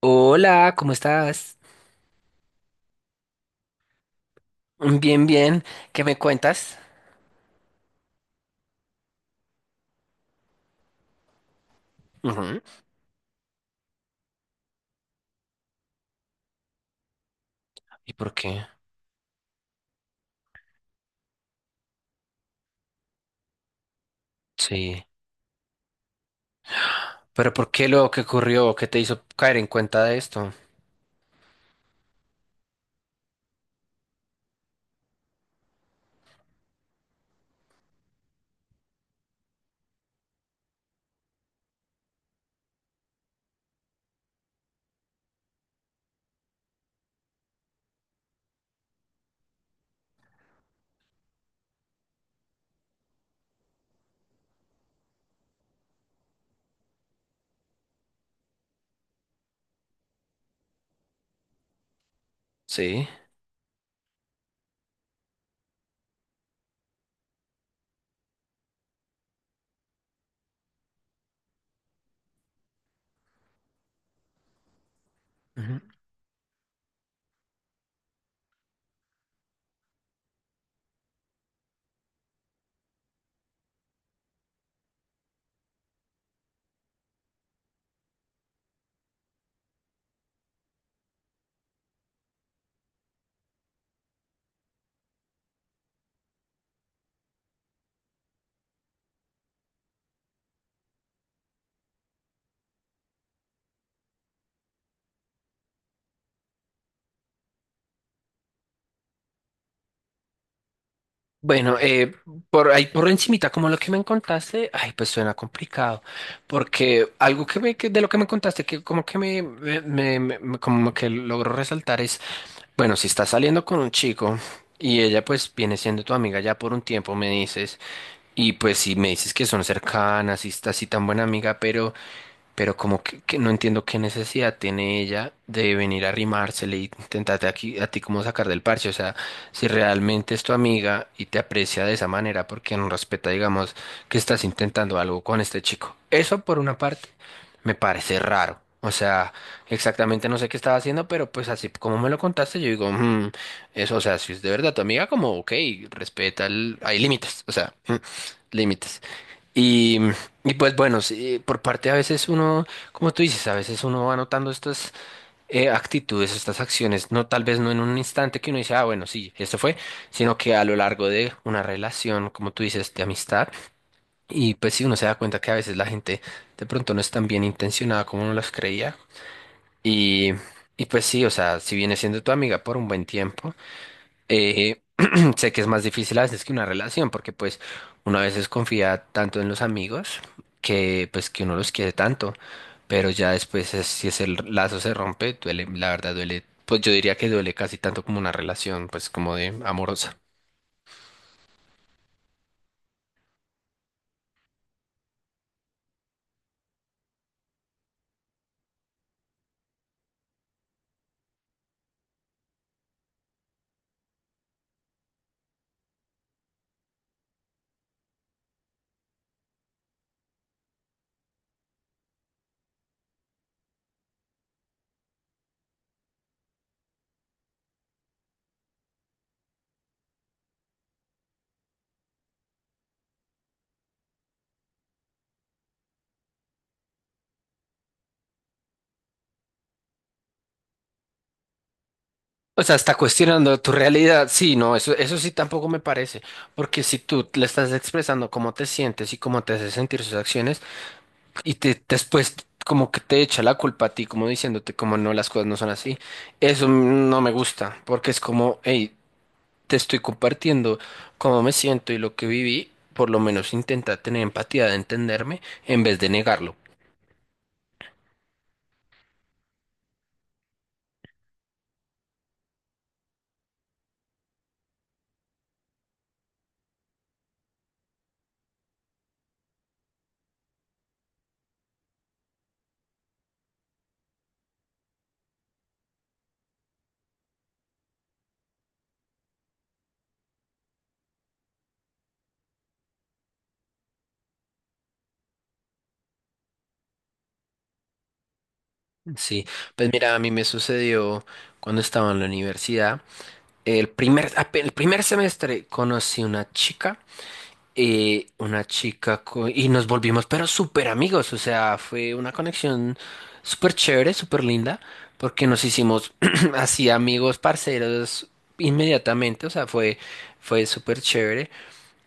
Hola, ¿cómo estás? Bien, bien. ¿Qué me cuentas? Ujú. ¿Y por qué? Sí. ¿Pero por qué lo que ocurrió? ¿Qué te hizo caer en cuenta de esto? Sí. Ujú. Bueno, por ahí por encimita, como lo que me contaste, ay, pues suena complicado, porque algo que me, que de lo que me contaste, que como que como que logro resaltar es, bueno, si estás saliendo con un chico y ella pues viene siendo tu amiga ya por un tiempo, me dices. Y pues si me dices que son cercanas y está así tan buena amiga, pero como que no entiendo qué necesidad tiene ella de venir a arrimársele y intentarte aquí, a ti como sacar del parche. O sea, si realmente es tu amiga y te aprecia de esa manera, porque no respeta, digamos, que estás intentando algo con este chico. Eso por una parte me parece raro. O sea, exactamente no sé qué estaba haciendo, pero pues así como me lo contaste, yo digo, "Mm, eso, o sea, si es de verdad tu amiga, como, ok, respeta, hay límites, o sea, límites. Y, y pues bueno, sí, por parte a veces uno, como tú dices, a veces uno va notando estas actitudes, estas acciones, no tal vez no en un instante que uno dice, ah, bueno, sí, esto fue, sino que a lo largo de una relación, como tú dices, de amistad, y pues sí, uno se da cuenta que a veces la gente de pronto no es tan bien intencionada como uno las creía, y, y pues sí, o sea, si viene siendo tu amiga por un buen tiempo, eh, sé que es más difícil a veces que una relación, porque pues uno a veces confía tanto en los amigos que pues que uno los quiere tanto, pero ya después si ese lazo se rompe, duele, la verdad duele, pues yo diría que duele casi tanto como una relación, pues como de amorosa. O sea, está cuestionando tu realidad. Sí, no, eso sí tampoco me parece, porque si tú le estás expresando cómo te sientes y cómo te hace sentir sus acciones, y te, después como que te echa la culpa a ti, como diciéndote como no, las cosas no son así. Eso no me gusta, porque es como, hey, te estoy compartiendo cómo me siento y lo que viví, por lo menos intenta tener empatía de entenderme en vez de negarlo. Sí, pues mira, a mí me sucedió cuando estaba en la universidad, el primer semestre conocí una chica. Y nos volvimos pero súper amigos, o sea, fue una conexión súper chévere, súper linda, porque nos hicimos así amigos, parceros inmediatamente, o sea, fue súper chévere.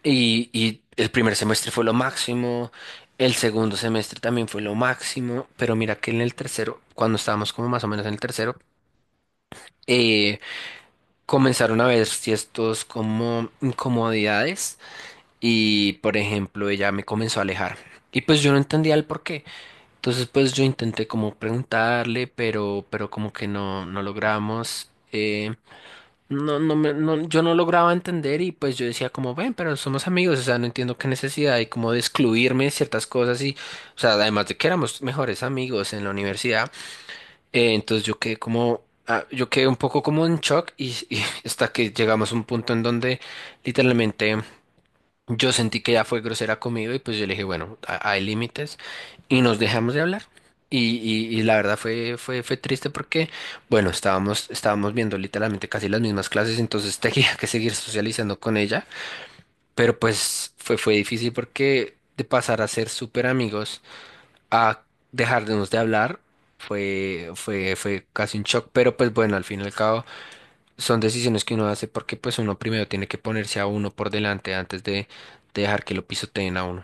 Y el primer semestre fue lo máximo, el segundo semestre también fue lo máximo, pero mira que en el tercero, cuando estábamos como más o menos en el tercero, eh, comenzaron a ver ciertos como incomodidades y, por ejemplo, ella me comenzó a alejar. Y pues yo no entendía el por qué. Entonces, pues yo intenté como preguntarle, pero como que no, no logramos. Yo no lograba entender y pues yo decía como, ven, pero somos amigos, o sea, no entiendo qué necesidad hay como de excluirme de ciertas cosas y, o sea, además de que éramos mejores amigos en la universidad, entonces yo quedé como, ah, yo quedé un poco como en shock y hasta que llegamos a un punto en donde literalmente... Yo sentí que ella fue grosera conmigo y pues yo le dije, bueno, hay límites y nos dejamos de hablar. Y la verdad fue triste porque, bueno, estábamos viendo literalmente casi las mismas clases, entonces tenía que seguir socializando con ella, pero pues fue difícil porque de pasar a ser súper amigos a dejarnos de hablar fue casi un shock, pero pues bueno, al fin y al cabo son decisiones que uno hace porque pues uno primero tiene que ponerse a uno por delante antes de dejar que lo pisoteen a uno.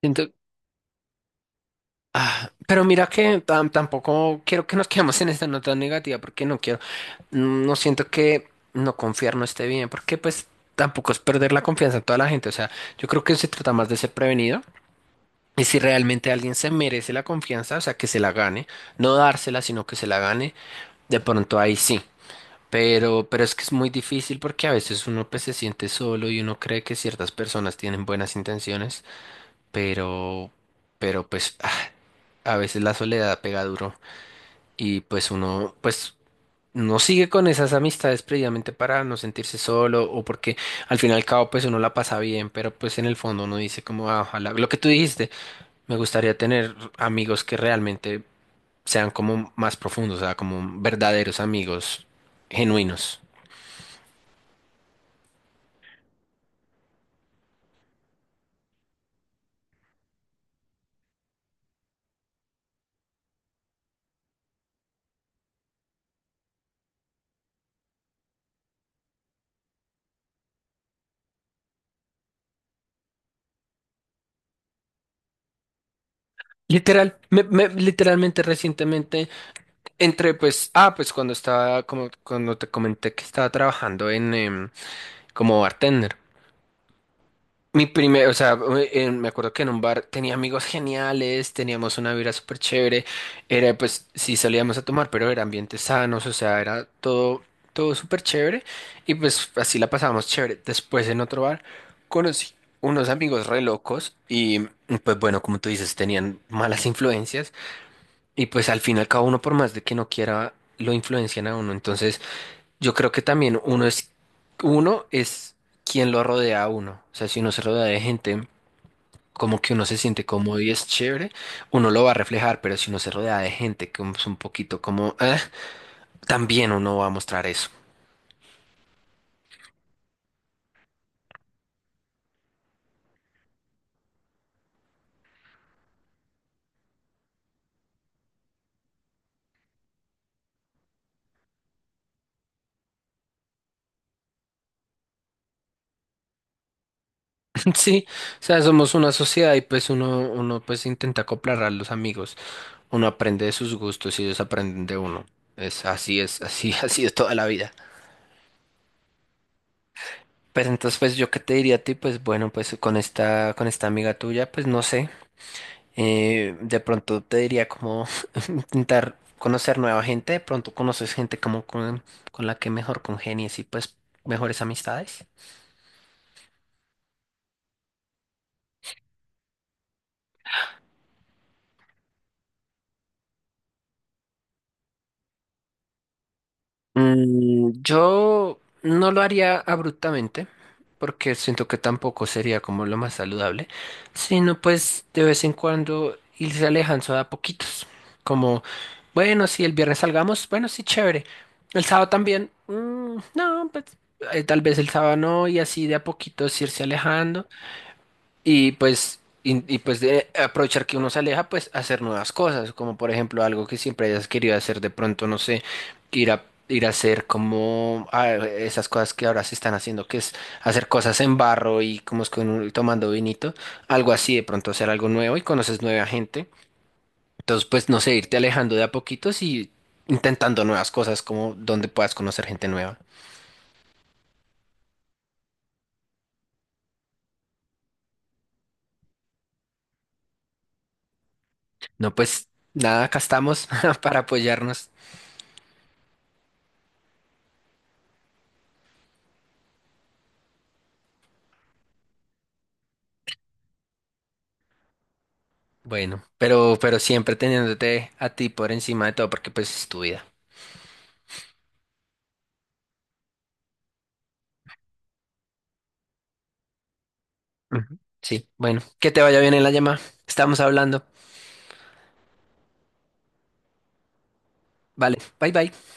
Siento- ah, pero mira que tampoco quiero que nos quedemos en esta nota negativa porque no quiero, mm, no siento que no confiar no esté bien porque pues tampoco es perder la confianza en toda la gente. O sea, yo creo que se trata más de ser prevenido. Y si realmente alguien se merece la confianza, o sea, que se la gane, no dársela, sino que se la gane, de pronto ahí sí. Pero es que es muy difícil porque a veces uno pues se siente solo y uno cree que ciertas personas tienen buenas intenciones, pero, pero pues ah, a veces la soledad pega duro y pues uno pues no sigue con esas amistades previamente para no sentirse solo o porque al fin y al cabo pues uno la pasa bien, pero pues en el fondo uno dice como "Ah, ojalá, lo que tú dijiste, me gustaría tener amigos que realmente sean como más profundos, o sea, como verdaderos amigos genuinos. Literal, literalmente recientemente entre pues, ah, pues cuando estaba, como cuando te comenté que estaba trabajando en, como bartender. Mi primer, o sea, me acuerdo que en un bar tenía amigos geniales, teníamos una vida súper chévere, era pues, sí salíamos a tomar, pero era ambientes sanos, o sea, todo súper chévere y pues así la pasábamos chévere. Después en otro bar conocí unos amigos re locos y pues bueno, como tú dices, tenían malas influencias. Y pues al fin y al cabo uno por más de que no quiera, lo influencian a uno. Entonces yo creo que también uno es quien lo rodea a uno. O sea, si uno se rodea de gente como que uno se siente cómodo y es chévere, uno lo va a reflejar, pero si uno se rodea de gente que es un poquito como, "Ah", también uno va a mostrar eso. Sí, o sea, somos una sociedad y pues uno pues intenta acoplar a los amigos, uno aprende de sus gustos y ellos aprenden de uno. Así, así es toda la vida. Pues entonces, pues yo qué te diría a ti, pues bueno, pues con con esta amiga tuya, pues no sé, de pronto te diría como intentar conocer nueva gente, de pronto conoces gente como con la que mejor congenies y pues mejores amistades. Mm, yo no lo haría abruptamente, porque siento que tampoco sería como lo más saludable, sino pues de vez en cuando irse alejando a poquitos. Como, bueno, si el viernes salgamos, bueno, sí, chévere. El sábado también, mm, no, pues tal vez el sábado no, y así de a poquitos irse alejando. Pues de aprovechar que uno se aleja, pues hacer nuevas cosas, como por ejemplo algo que siempre hayas querido hacer, de pronto, no sé, ir a hacer como ah, esas cosas que ahora se están haciendo, que es hacer cosas en barro y como es con tomando vinito, algo así, de pronto hacer algo nuevo y conoces nueva gente. Entonces, pues no sé, irte alejando de a poquitos y intentando nuevas cosas, como donde puedas conocer gente nueva. No, pues nada, acá estamos para apoyarnos. Bueno, pero siempre teniéndote a ti por encima de todo, porque pues es tu vida. Ujú. Sí, bueno, que te vaya bien en la llamada. Estamos hablando. Vale, bye bye.